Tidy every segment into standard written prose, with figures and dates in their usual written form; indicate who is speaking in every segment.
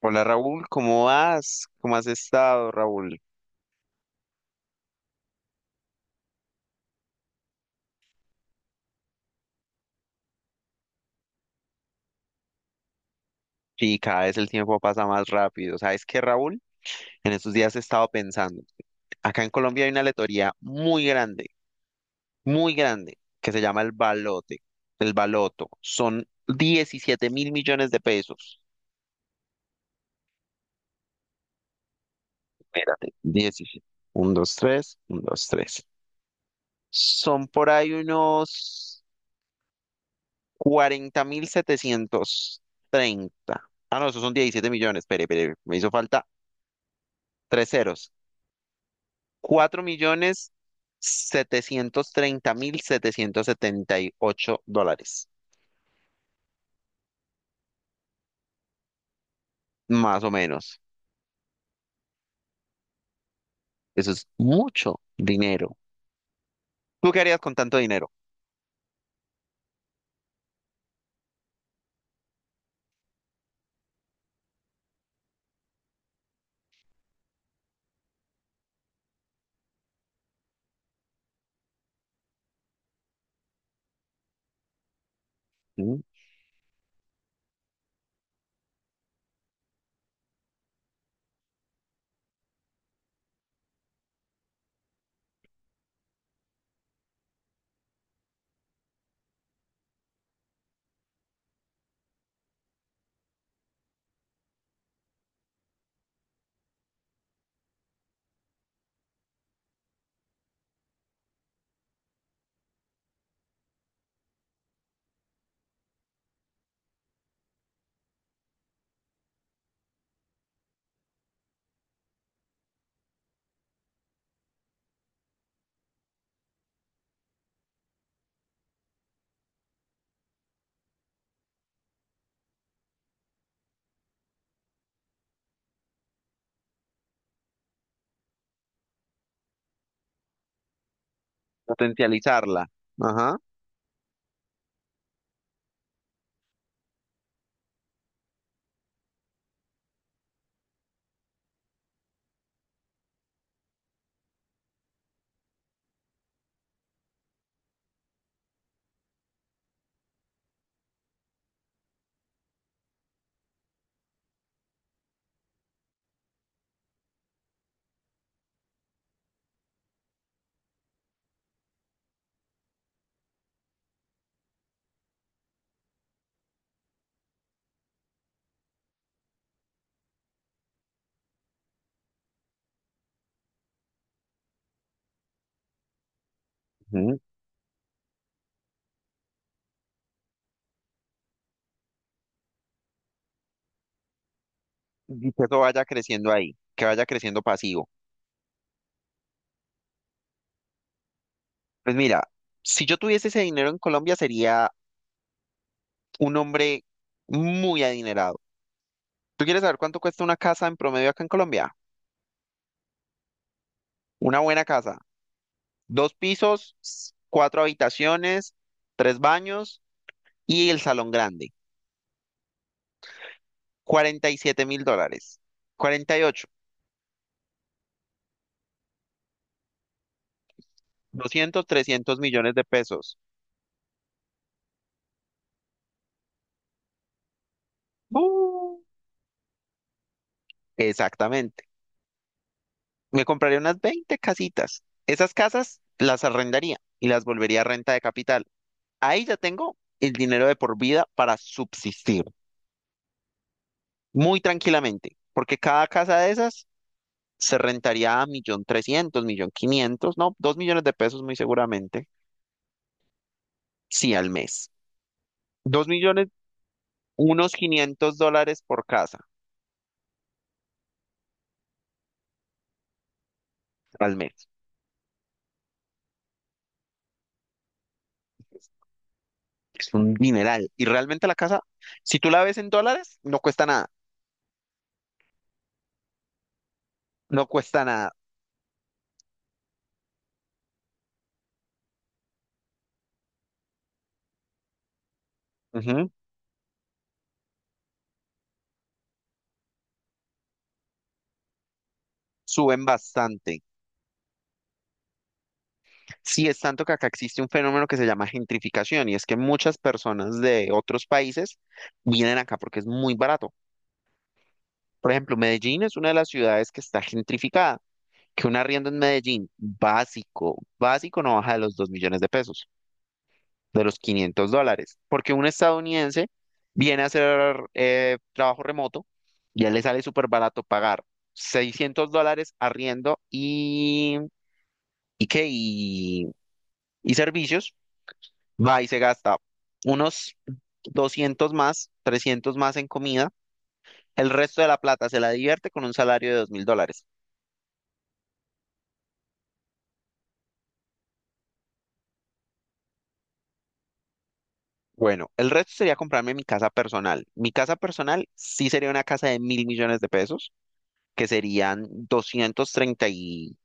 Speaker 1: Hola Raúl, ¿cómo vas? ¿Cómo has estado, Raúl? Y cada vez el tiempo pasa más rápido. ¿Sabes qué, Raúl? En estos días he estado pensando. Acá en Colombia hay una lotería muy grande, que se llama el Balote, el Baloto. Son 17.000.000.000 de pesos. Espérate, diecisiete, uno dos, tres, uno dos, tres. Son por ahí unos 40.730. Ah, no, esos son 17.000.000. Espere, espere, me hizo falta tres ceros. $4.730.778, más o menos. Eso es mucho dinero. ¿Tú qué harías con tanto dinero? ¿Mm? Potencializarla. Ajá. Ujú. Y que eso vaya creciendo ahí, que vaya creciendo pasivo. Pues mira, si yo tuviese ese dinero en Colombia sería un hombre muy adinerado. ¿Tú quieres saber cuánto cuesta una casa en promedio acá en Colombia? Una buena casa. Dos pisos, cuatro habitaciones, tres baños y el salón grande, $47.000. Cuarenta y ocho, doscientos trescientos millones de pesos. ¡Bu! Exactamente. Me compraría unas 20 casitas. Esas casas las arrendaría y las volvería a renta de capital. Ahí ya tengo el dinero de por vida para subsistir muy tranquilamente, porque cada casa de esas se rentaría a millón trescientos, millón quinientos, no, dos millones de pesos muy seguramente, sí, al mes. Dos millones, unos $500 por casa. Al mes. Es un dineral. Y realmente la casa, si tú la ves en dólares, no cuesta nada. No cuesta nada. Ujú. Suben bastante. Sí, es tanto que acá existe un fenómeno que se llama gentrificación y es que muchas personas de otros países vienen acá porque es muy barato. Por ejemplo, Medellín es una de las ciudades que está gentrificada, que un arriendo en Medellín básico, básico no baja de los 2.000.000 de pesos, de los $500, porque un estadounidense viene a hacer trabajo remoto y a él le sale súper barato pagar $600 arriendo y, qué, y servicios, va y se gasta unos 200 más, 300 más en comida, el resto de la plata se la divierte con un salario de $2.000. Bueno, el resto sería comprarme mi casa personal. Mi casa personal sí sería una casa de 1.000.000.000 de pesos, que serían 235,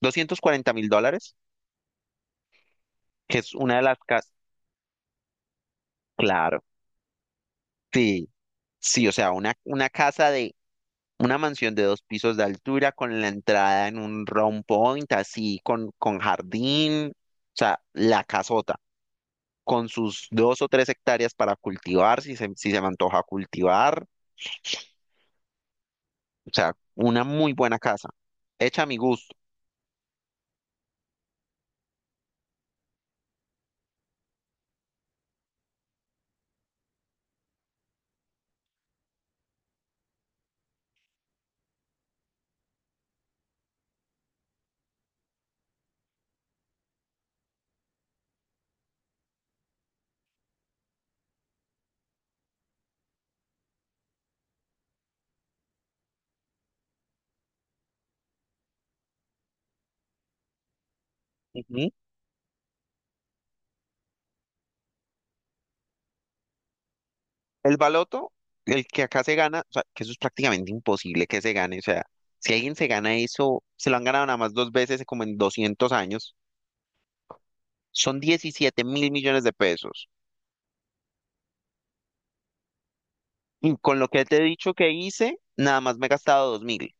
Speaker 1: $240.000, que es una de las casas. Claro, sí, sí, o sea, una casa de una mansión de dos pisos de altura con la entrada en un round point, así, con jardín, o sea, la casota, con sus dos o tres hectáreas para cultivar, si se me antoja cultivar, o sea, una muy buena casa, hecha a mi gusto. El baloto, el que acá se gana, o sea, que eso es prácticamente imposible que se gane. O sea, si alguien se gana eso, se lo han ganado nada más dos veces como en 200 años. Son 17 mil millones de pesos. Y con lo que te he dicho que hice, nada más me he gastado 2.000.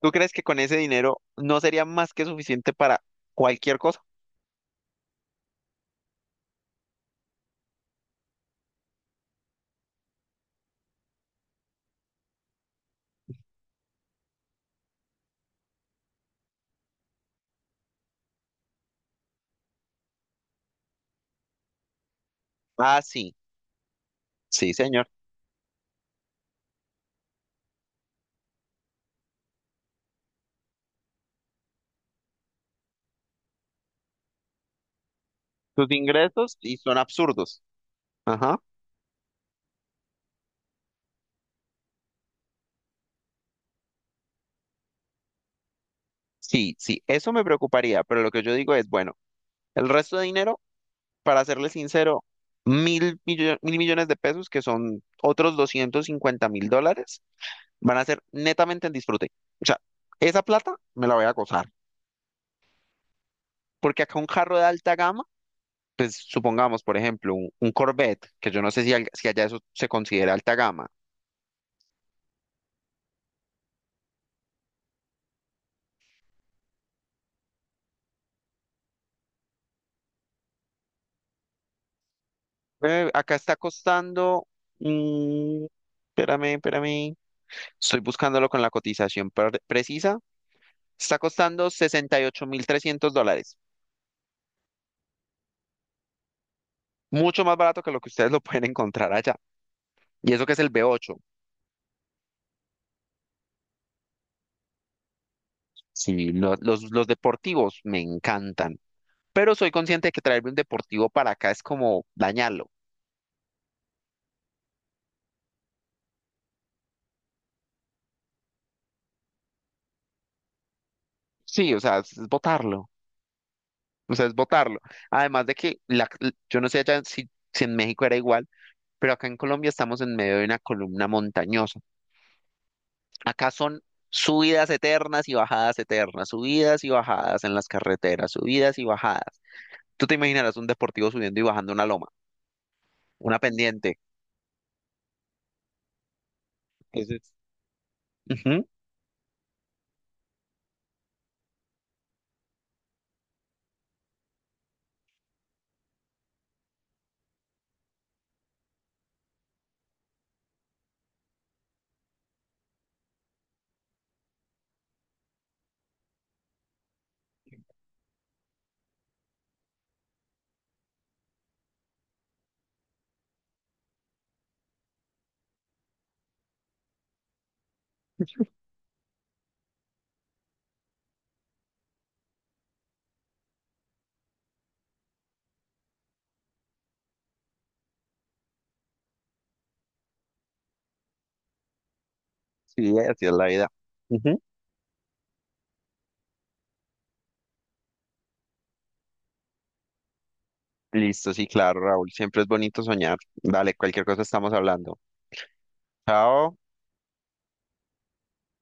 Speaker 1: ¿Tú crees que con ese dinero no sería más que suficiente para cualquier cosa? Ah, sí, sí, señor. Tus ingresos y son absurdos. Ajá. Sí, sí, eso me preocuparía, pero lo que yo digo es, bueno, el resto de dinero, para serle sincero, 1.000.000.000 de pesos, que son otros $250.000, van a ser netamente en disfrute. O sea, esa plata me la voy a gozar, porque acá un carro de alta gama, pues supongamos, por ejemplo, un Corvette, que yo no sé si allá eso se considera alta gama, acá está costando... mm, espérame, espérame. Estoy buscándolo con la cotización precisa. Está costando $68.300. Mucho más barato que lo que ustedes lo pueden encontrar allá. Y eso que es el B8. Sí, los deportivos me encantan. Pero soy consciente de que traerme un deportivo para acá es como dañarlo. Sí, o sea, es botarlo. O sea, es botarlo. Además de que yo no sé allá si, si en México era igual, pero acá en Colombia estamos en medio de una columna montañosa. Acá son subidas eternas y bajadas eternas, subidas y bajadas en las carreteras, subidas y bajadas. Tú te imaginarás un deportivo subiendo y bajando una loma, una pendiente. Ese ujú, sí, así es la vida. Listo, sí, claro, Raúl. Siempre es bonito soñar. Dale, cualquier cosa estamos hablando. Chao.